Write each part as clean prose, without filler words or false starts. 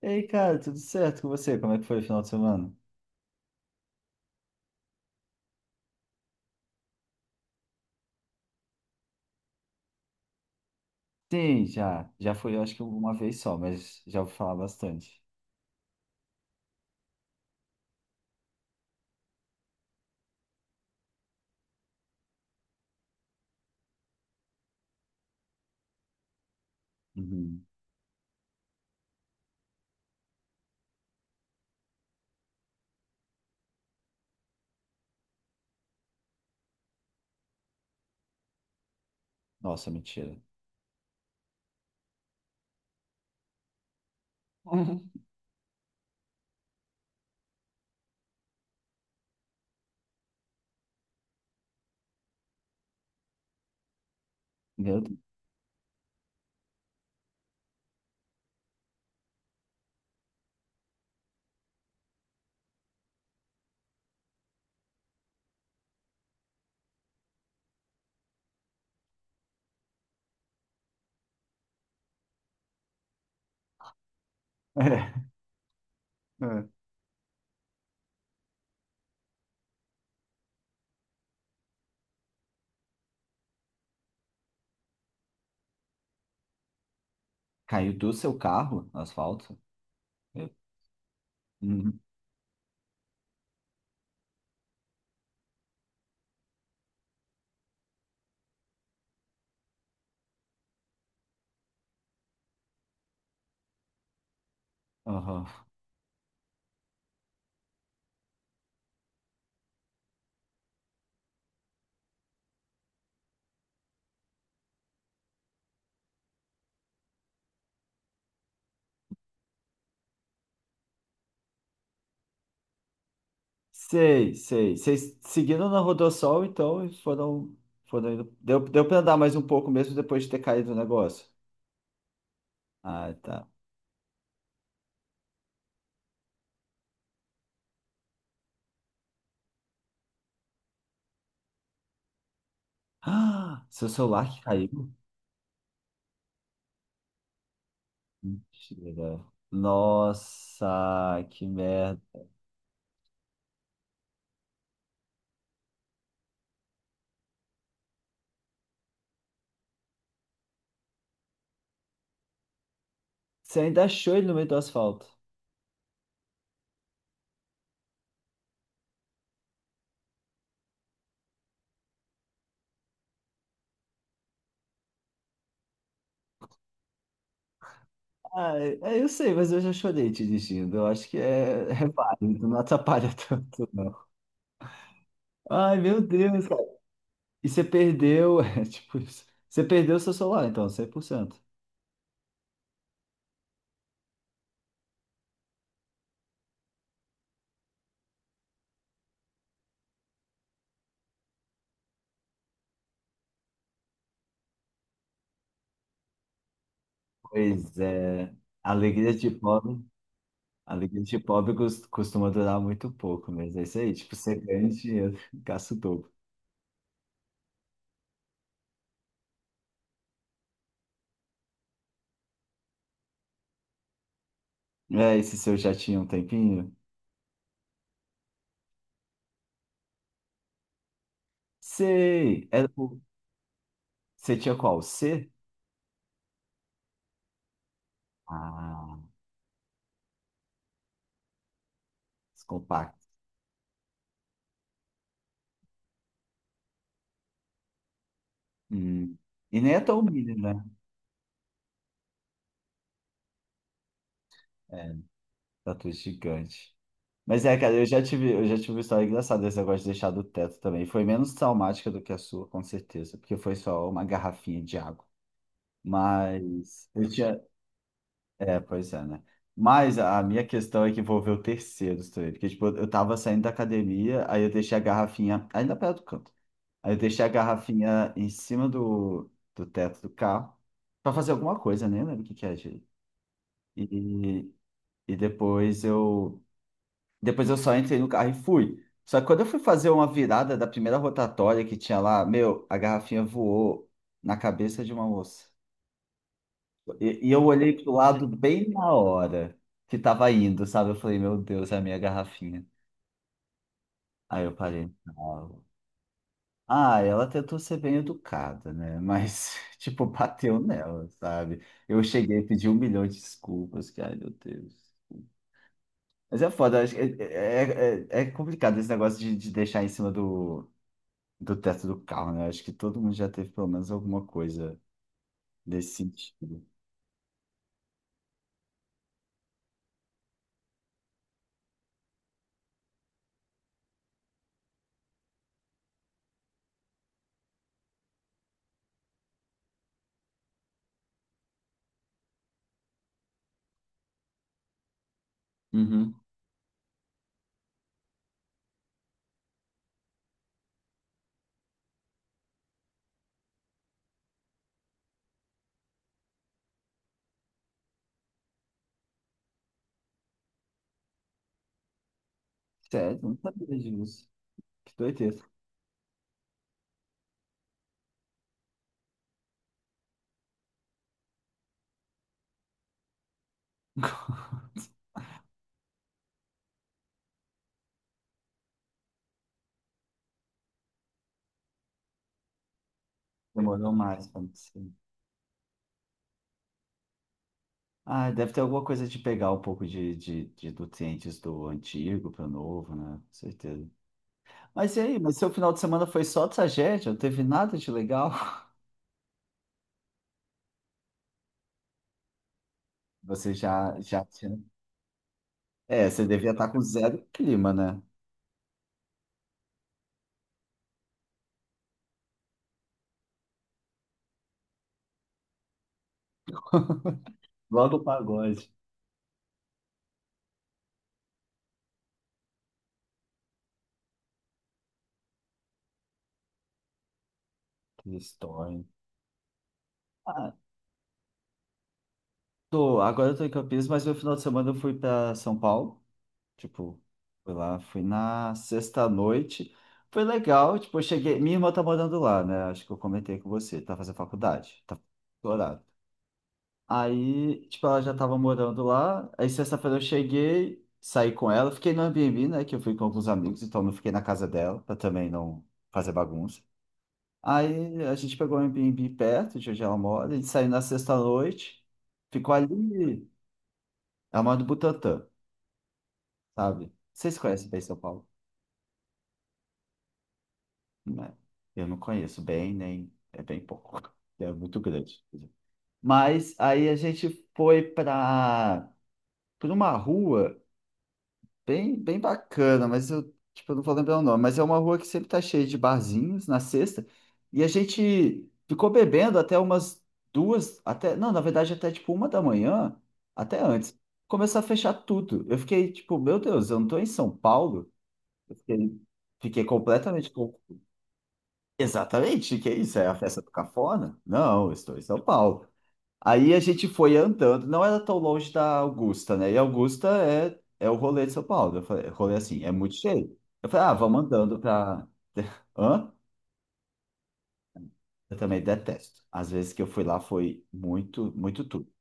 Ei, cara, tudo certo com você? Como é que foi o final de semana? Sim, já. Já fui, eu acho que uma vez só, mas já vou falar bastante. Uhum. Nossa, mentira. Uhum. Meu Deus. É. É. Caiu do seu carro no asfalto? Eu- Uhum. Aham. Sei, sei. Vocês seguiram na Rodossol, então, e foram, foram indo. Deu pra andar mais um pouco mesmo depois de ter caído o negócio. Ah, tá. Ah, seu celular que caiu? Mentira. Nossa, que merda. Você ainda achou ele no meio do asfalto. Ah, é, eu sei, mas eu já chorei te dirigindo. Eu acho que é válido, não atrapalha tanto, não. Ai, meu Deus, cara. E você perdeu, é, tipo, isso. Você perdeu seu celular, então, 100%. Pois é, alegria de pobre. A vida de pobre costuma durar muito pouco mesmo. É isso aí, tipo, você ganha dinheiro, gasta o dobro. É, esse seu já tinha um tempinho? Sei! Você tinha qual? O C? Ah, os compactos. Hum. E nem é tão mini, né? É, tatu gigante. Mas é, cara, eu já tive uma história engraçada desse negócio de deixar do teto também. Foi menos traumática do que a sua, com certeza, porque foi só uma garrafinha de água. Mas eu tinha, É, pois é, né? Mas a minha questão é que envolveu terceiros também, porque tipo, eu tava saindo da academia, aí eu deixei a garrafinha, ainda perto do canto, aí eu deixei a garrafinha em cima do teto do carro pra fazer alguma coisa, nem lembro o que que é, gente. E, e depois eu só entrei no carro e fui. Só que quando eu fui fazer uma virada da primeira rotatória que tinha lá, meu, a garrafinha voou na cabeça de uma moça. E eu olhei pro lado bem na hora que tava indo, sabe? Eu falei, meu Deus, é a minha garrafinha. Aí eu parei. Não. Ah, ah, ela tentou ser bem educada, né? Mas, tipo, bateu nela, sabe? Eu cheguei e pedi um milhão de desculpas, que, ai, meu Deus. Mas é foda, acho que é complicado esse negócio de deixar em cima do teto do carro, né? Acho que todo mundo já teve pelo menos alguma coisa nesse sentido. Uhum. Sério, não sabia disso. Que doideira. Demorou mais pra acontecer. Ah, deve ter alguma coisa de pegar um pouco de nutrientes do antigo para o novo, né? Com certeza. Mas e aí? Mas seu final de semana foi só tragédia? Não teve nada de legal? Você já tinha. É, você devia estar com zero clima, né? Logo o pagode. Que história. Ah, tô, agora eu tô em Campinas, mas meu final de semana eu fui para São Paulo. Tipo, fui lá, fui na sexta-noite. Foi legal, tipo, eu cheguei. Minha irmã tá morando lá, né? Acho que eu comentei com você, tá fazendo faculdade, tá doutorado. Aí, tipo, ela já tava morando lá. Aí, sexta-feira eu cheguei, saí com ela. Fiquei no Airbnb, né? Que eu fui com alguns amigos, então não fiquei na casa dela, pra também não fazer bagunça. Aí, a gente pegou um Airbnb perto de onde ela mora. A gente saiu na sexta-noite, ficou ali. Ela mora no Butantã, sabe? Vocês conhecem bem São Paulo? Não é? Eu não conheço bem, nem. É bem pouco. É muito grande. Mas aí a gente foi pra uma rua. Bem, bem bacana, mas eu, tipo, eu não vou lembrar o nome, mas é uma rua que sempre tá cheia de barzinhos na sexta, e a gente ficou bebendo até umas duas, até, não, na verdade até tipo 1 da manhã, até antes, começou a fechar tudo. Eu fiquei tipo, meu Deus, eu não tô em São Paulo? Eu fiquei completamente confuso. Exatamente, que é isso? É a festa do cafona? Não, eu estou em São Paulo. Aí a gente foi andando, não era tão longe da Augusta, né? E Augusta é o rolê de São Paulo. Eu falei, rolê assim, é muito cheio. Eu falei, ah, vamos andando pra. Hã? Eu também detesto. Às vezes que eu fui lá foi muito, muito tudo.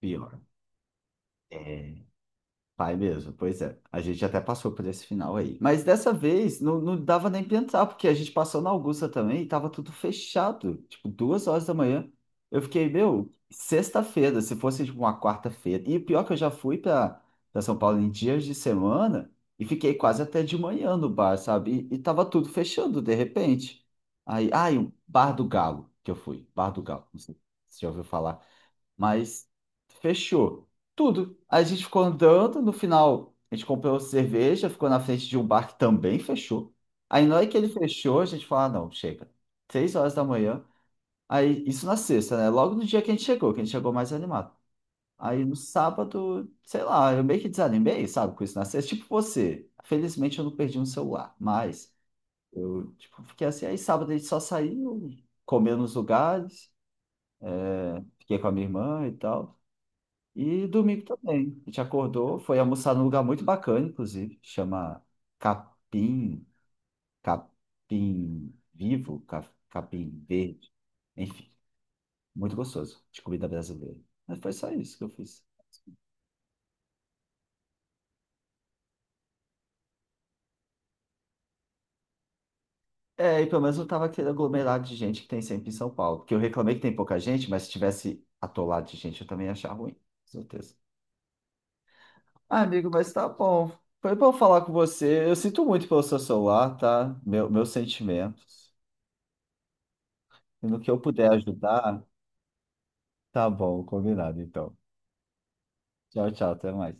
Pior. É, pai mesmo, pois é. A gente até passou por esse final aí. Mas dessa vez não, não dava nem pensar, porque a gente passou na Augusta também e tava tudo fechado. Tipo, 2 horas da manhã. Eu fiquei, meu, sexta-feira, se fosse tipo uma quarta-feira. E o pior é que eu já fui pra São Paulo em dias de semana e fiquei quase até de manhã no bar, sabe? E tava tudo fechando de repente. Aí, ai, o Bar do Galo que eu fui. Bar do Galo, não sei se você já ouviu falar. Mas fechou tudo. A gente ficou andando, no final a gente comprou cerveja, ficou na frente de um bar que também fechou. Aí na hora que ele fechou, a gente falou, ah, não, chega. 6 horas da manhã. Aí, isso na sexta, né? Logo no dia que a gente chegou, que a gente chegou mais animado. Aí no sábado, sei lá, eu meio que desanimei, sabe, com isso na sexta. Tipo você. Felizmente eu não perdi um celular, mas eu, tipo, fiquei assim. Aí sábado a gente só saiu, comeu nos lugares, fiquei com a minha irmã e tal. E domingo também. A gente acordou, foi almoçar num lugar muito bacana, inclusive, chama Capim, Capim Vivo, Capim Verde. Enfim, muito gostoso de comida brasileira. Mas foi só isso que eu fiz. É, e pelo menos não tava aquele aglomerado de gente que tem sempre em São Paulo. Porque eu reclamei que tem pouca gente, mas se tivesse atolado de gente, eu também ia achar ruim, com certeza. Ah, amigo, mas tá bom. Foi bom falar com você. Eu sinto muito pelo seu celular, tá? Meu, meus sentimentos. E no que eu puder ajudar. Tá bom, combinado então. Tchau, tchau, até mais.